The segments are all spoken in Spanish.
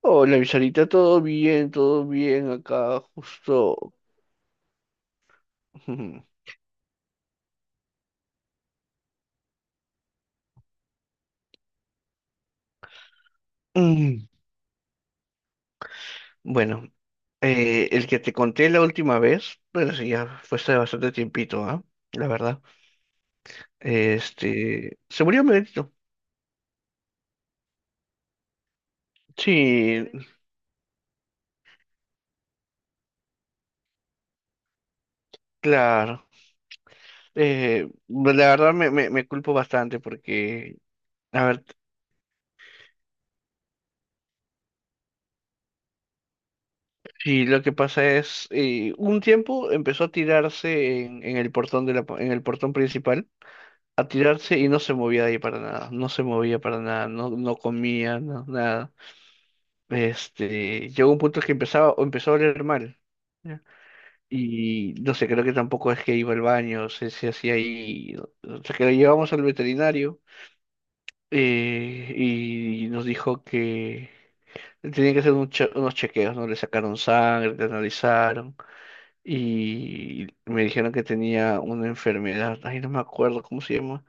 Hola, mi Sarita, todo bien acá, justo. Mm, Bueno, el que te conté la última vez, bueno, sí, ya fue hace bastante tiempito, ¿ah? La verdad. Se murió mi gatito. Sí, claro. Pues, la verdad me culpo bastante porque, a ver, sí, lo que pasa es, un tiempo empezó a tirarse en el portón de la, en el portón principal. A tirarse y no se movía de ahí para nada, no se movía para nada, no, no comía, no, nada. Llegó un punto que empezaba, o empezó a oler mal. ¿Ya? Y no sé, creo que tampoco es que iba al baño, se hacía ahí. O sea, que lo llevamos al veterinario, y nos dijo que tenían que hacer unos chequeos, ¿no? Le sacaron sangre, le analizaron y me dijeron que tenía una enfermedad. Ay, no me acuerdo cómo se llama.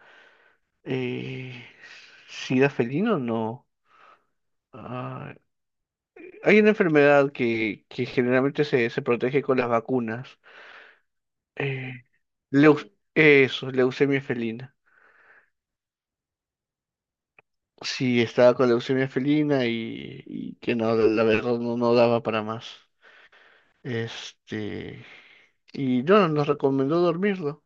Eh, ¿Sida felino? No. Ah, hay una enfermedad que generalmente se protege con las vacunas. Eh, Eso, leucemia felina. Sí, estaba con leucemia felina y que no, la verdad no, no daba para más. Este, y no, nos recomendó dormirlo,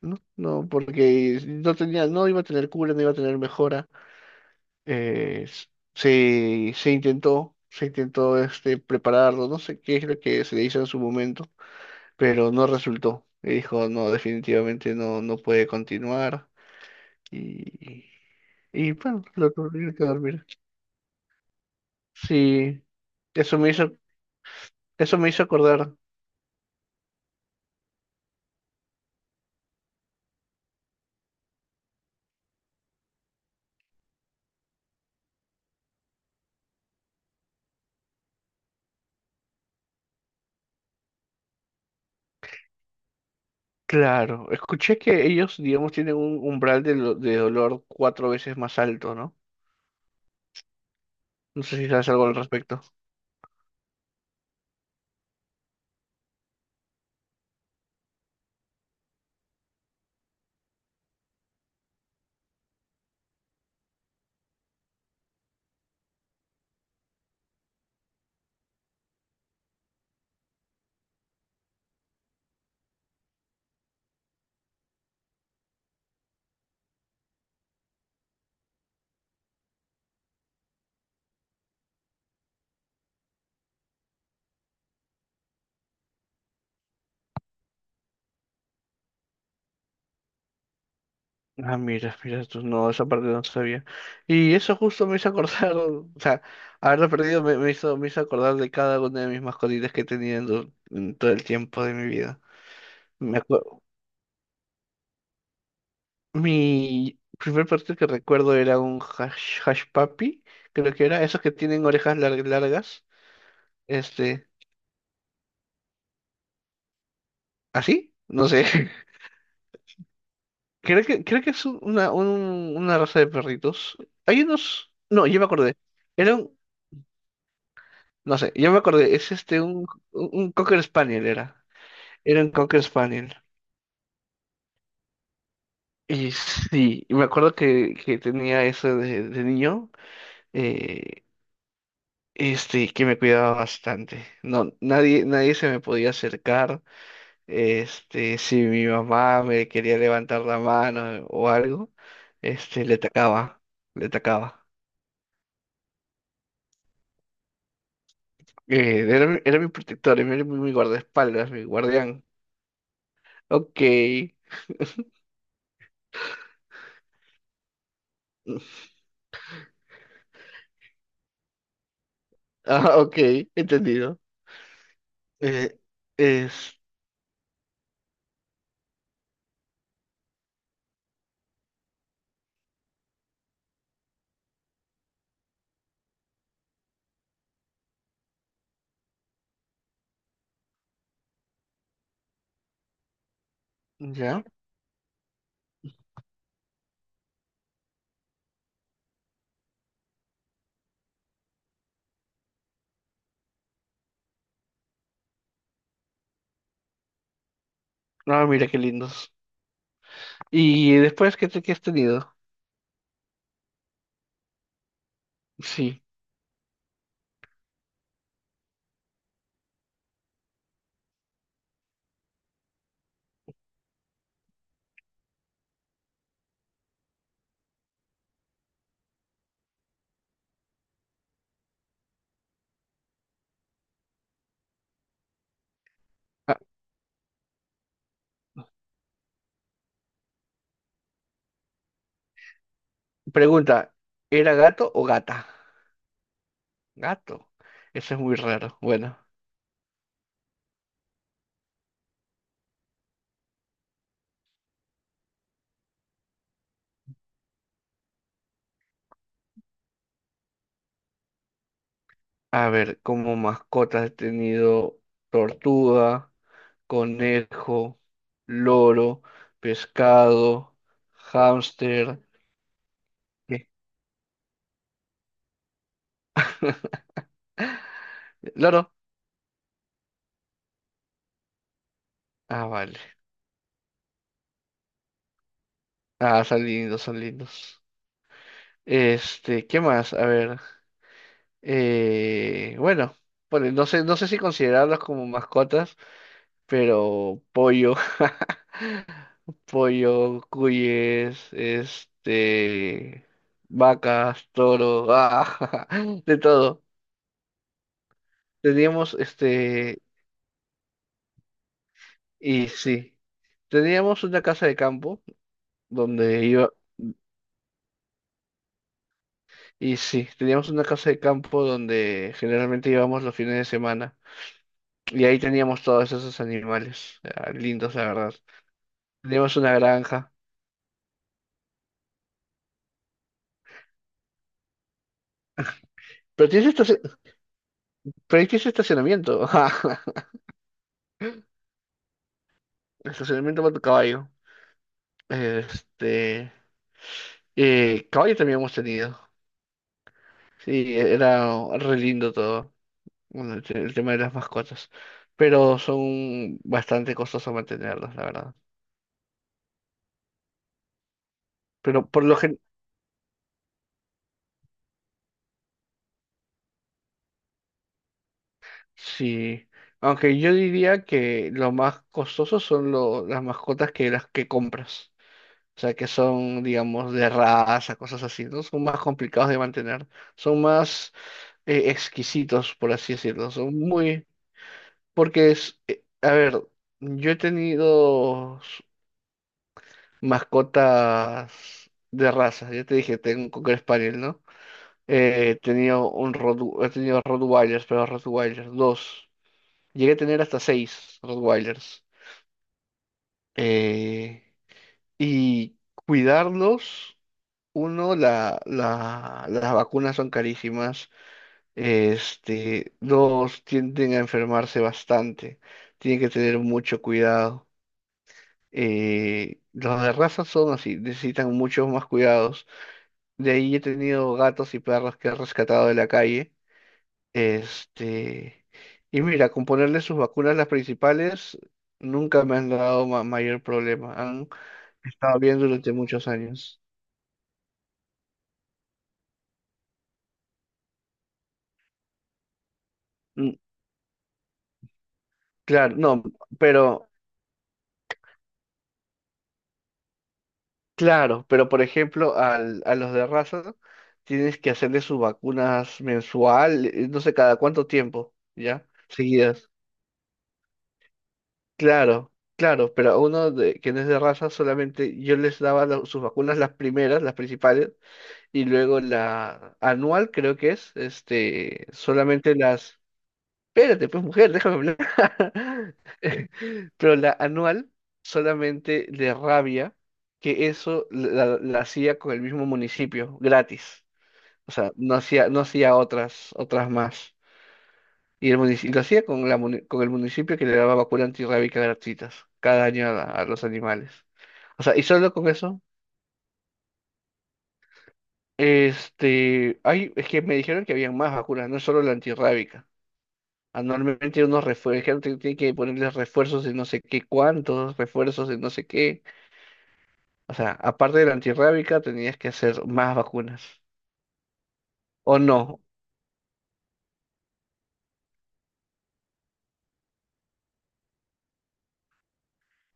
¿no? No, porque no tenía, no iba a tener cura, no iba a tener mejora. eh, s- Se, se intentó prepararlo, no sé qué es lo que se le hizo en su momento, pero no resultó. Y dijo, no, definitivamente no, no puede continuar. Y, y bueno, lo tuvieron que dormir. Sí, eso me hizo, eso me hizo acordar. Claro, escuché que ellos, digamos, tienen un umbral de, de dolor cuatro veces más alto, ¿no? No sé si sabes algo al respecto. Ah, mira, mira, tú no, esa parte no sabía. Y eso justo me hizo acordar, o sea, haberlo perdido me hizo acordar de cada una de mis mascotitas que he tenido en todo el tiempo de mi vida. Me acuerdo, mi primer perrito que recuerdo era hash puppy, creo que era, esos que tienen largas, este, ¿así? No sé. Creo que es una raza de perritos. Hay unos, no, yo me acordé. Era un- No sé, yo me acordé, es un Cocker Spaniel era. Era un Cocker Spaniel. Y sí, y me acuerdo que tenía eso de niño, eh, que me cuidaba bastante. No, nadie, nadie se me podía acercar. Si mi mamá me quería levantar la mano o algo, le atacaba, le atacaba. Era, era mi protector, era mi, mi guardaespaldas, mi guardián. Ok, ah, ok, entendido. Eh, es, ya. No, mira qué lindos. ¿Y después qué, qué has tenido? Sí. Ah, pregunta, ¿era gato o gata? Gato. Eso es muy raro. Bueno, a ver, como mascotas he tenido tortuga, conejo, loro, pescado, hámster. ¿Qué? ¿Loro? Ah, vale. Ah, son lindos, son lindos. ¿Qué más? A ver. Bueno, no sé, no sé si considerarlos como mascotas, pero pollo, pollo, cuyes, vacas, toro, ah, de todo. Teníamos este, y sí, teníamos una casa de campo donde iba, y sí, teníamos una casa de campo donde generalmente íbamos los fines de semana. Y ahí teníamos todos esos animales, ah, lindos, la verdad. Tenemos una granja. Pero tienes, pero ahí tienes estacionamiento. Ajá, estacionamiento para tu caballo. Este. Caballo también hemos tenido. Sí, era re lindo todo. Bueno, el tema de las mascotas. Pero son bastante costosos mantenerlas, la verdad. Pero por lo general. Sí. Aunque yo diría que lo más costoso las mascotas que las que compras. O sea, que son, digamos, de raza, cosas así, ¿no? Son más complicados de mantener, son más exquisitos, por así decirlo, son muy... Porque es, a ver, yo he tenido mascotas de raza, ya te dije, tengo un Cocker Spaniel, ¿no? He tenido Rottweilers, pero Rottweilers, dos. Llegué a tener hasta seis Rottweilers. Eh, y cuidarlos. Uno, las vacunas son carísimas. Dos, tienden a enfermarse bastante. Tienen que tener mucho cuidado. Los de raza son así, necesitan muchos más cuidados. De ahí he tenido gatos y perros que he rescatado de la calle. Este, y mira, con ponerle sus vacunas las principales, nunca me han dado mayor problema. Han estado bien durante muchos años. Claro, no, pero, claro, pero por ejemplo, a los de raza tienes que hacerle sus vacunas mensual, no sé cada cuánto tiempo, ¿ya? Seguidas. Claro, claro, pero a uno de, que no es de raza solamente yo les daba sus vacunas las primeras, las principales, y luego la anual creo que es, solamente las... Espérate, pues mujer, déjame hablar. Pero la anual solamente de rabia, que eso la hacía con el mismo municipio, gratis. O sea, no hacía, no hacía otras, otras más. Y el municipio, lo hacía con, con el municipio que le daba vacuna antirrábica gratuitas cada año a los animales. O sea, y solo con eso, es que me dijeron que habían más vacunas, no solo la antirrábica. Anualmente unos refuerzos, tiene que ponerles refuerzos de no sé qué cuántos, refuerzos de no sé qué. O sea, aparte de la antirrábica, tenías que hacer más vacunas. O no,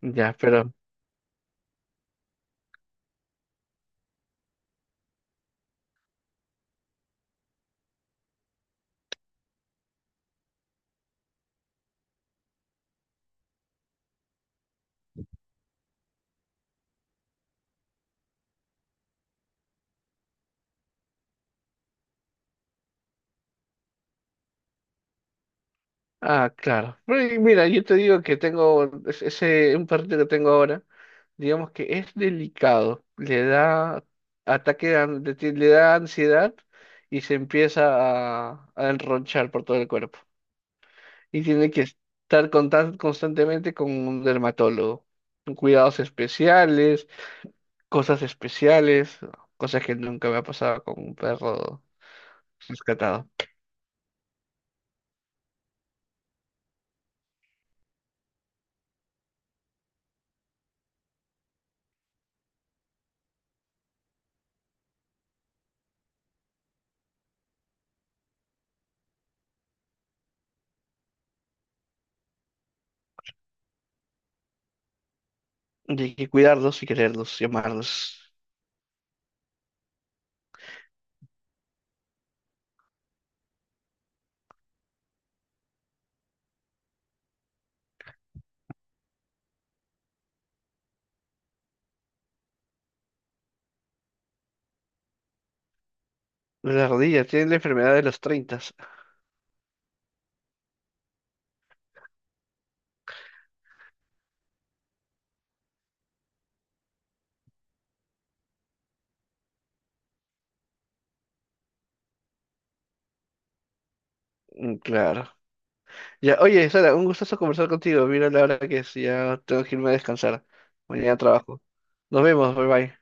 ya, pero. Ah, claro. Pero y mira, yo te digo que tengo un perrito que tengo ahora, digamos que es delicado. Le da ataque, de an- de ti- le da ansiedad y se empieza a enronchar por todo el cuerpo, y tiene que estar constantemente con un dermatólogo. Con cuidados especiales, cosas que nunca me ha pasado con un perro rescatado. Y hay que cuidarlos y quererlos y amarlos. Las rodillas tienen la enfermedad de los 30. Claro. Ya, oye, Sara, un gustazo conversar contigo. Mira la hora que es, ya tengo que irme a descansar. Mañana trabajo. Nos vemos, bye bye.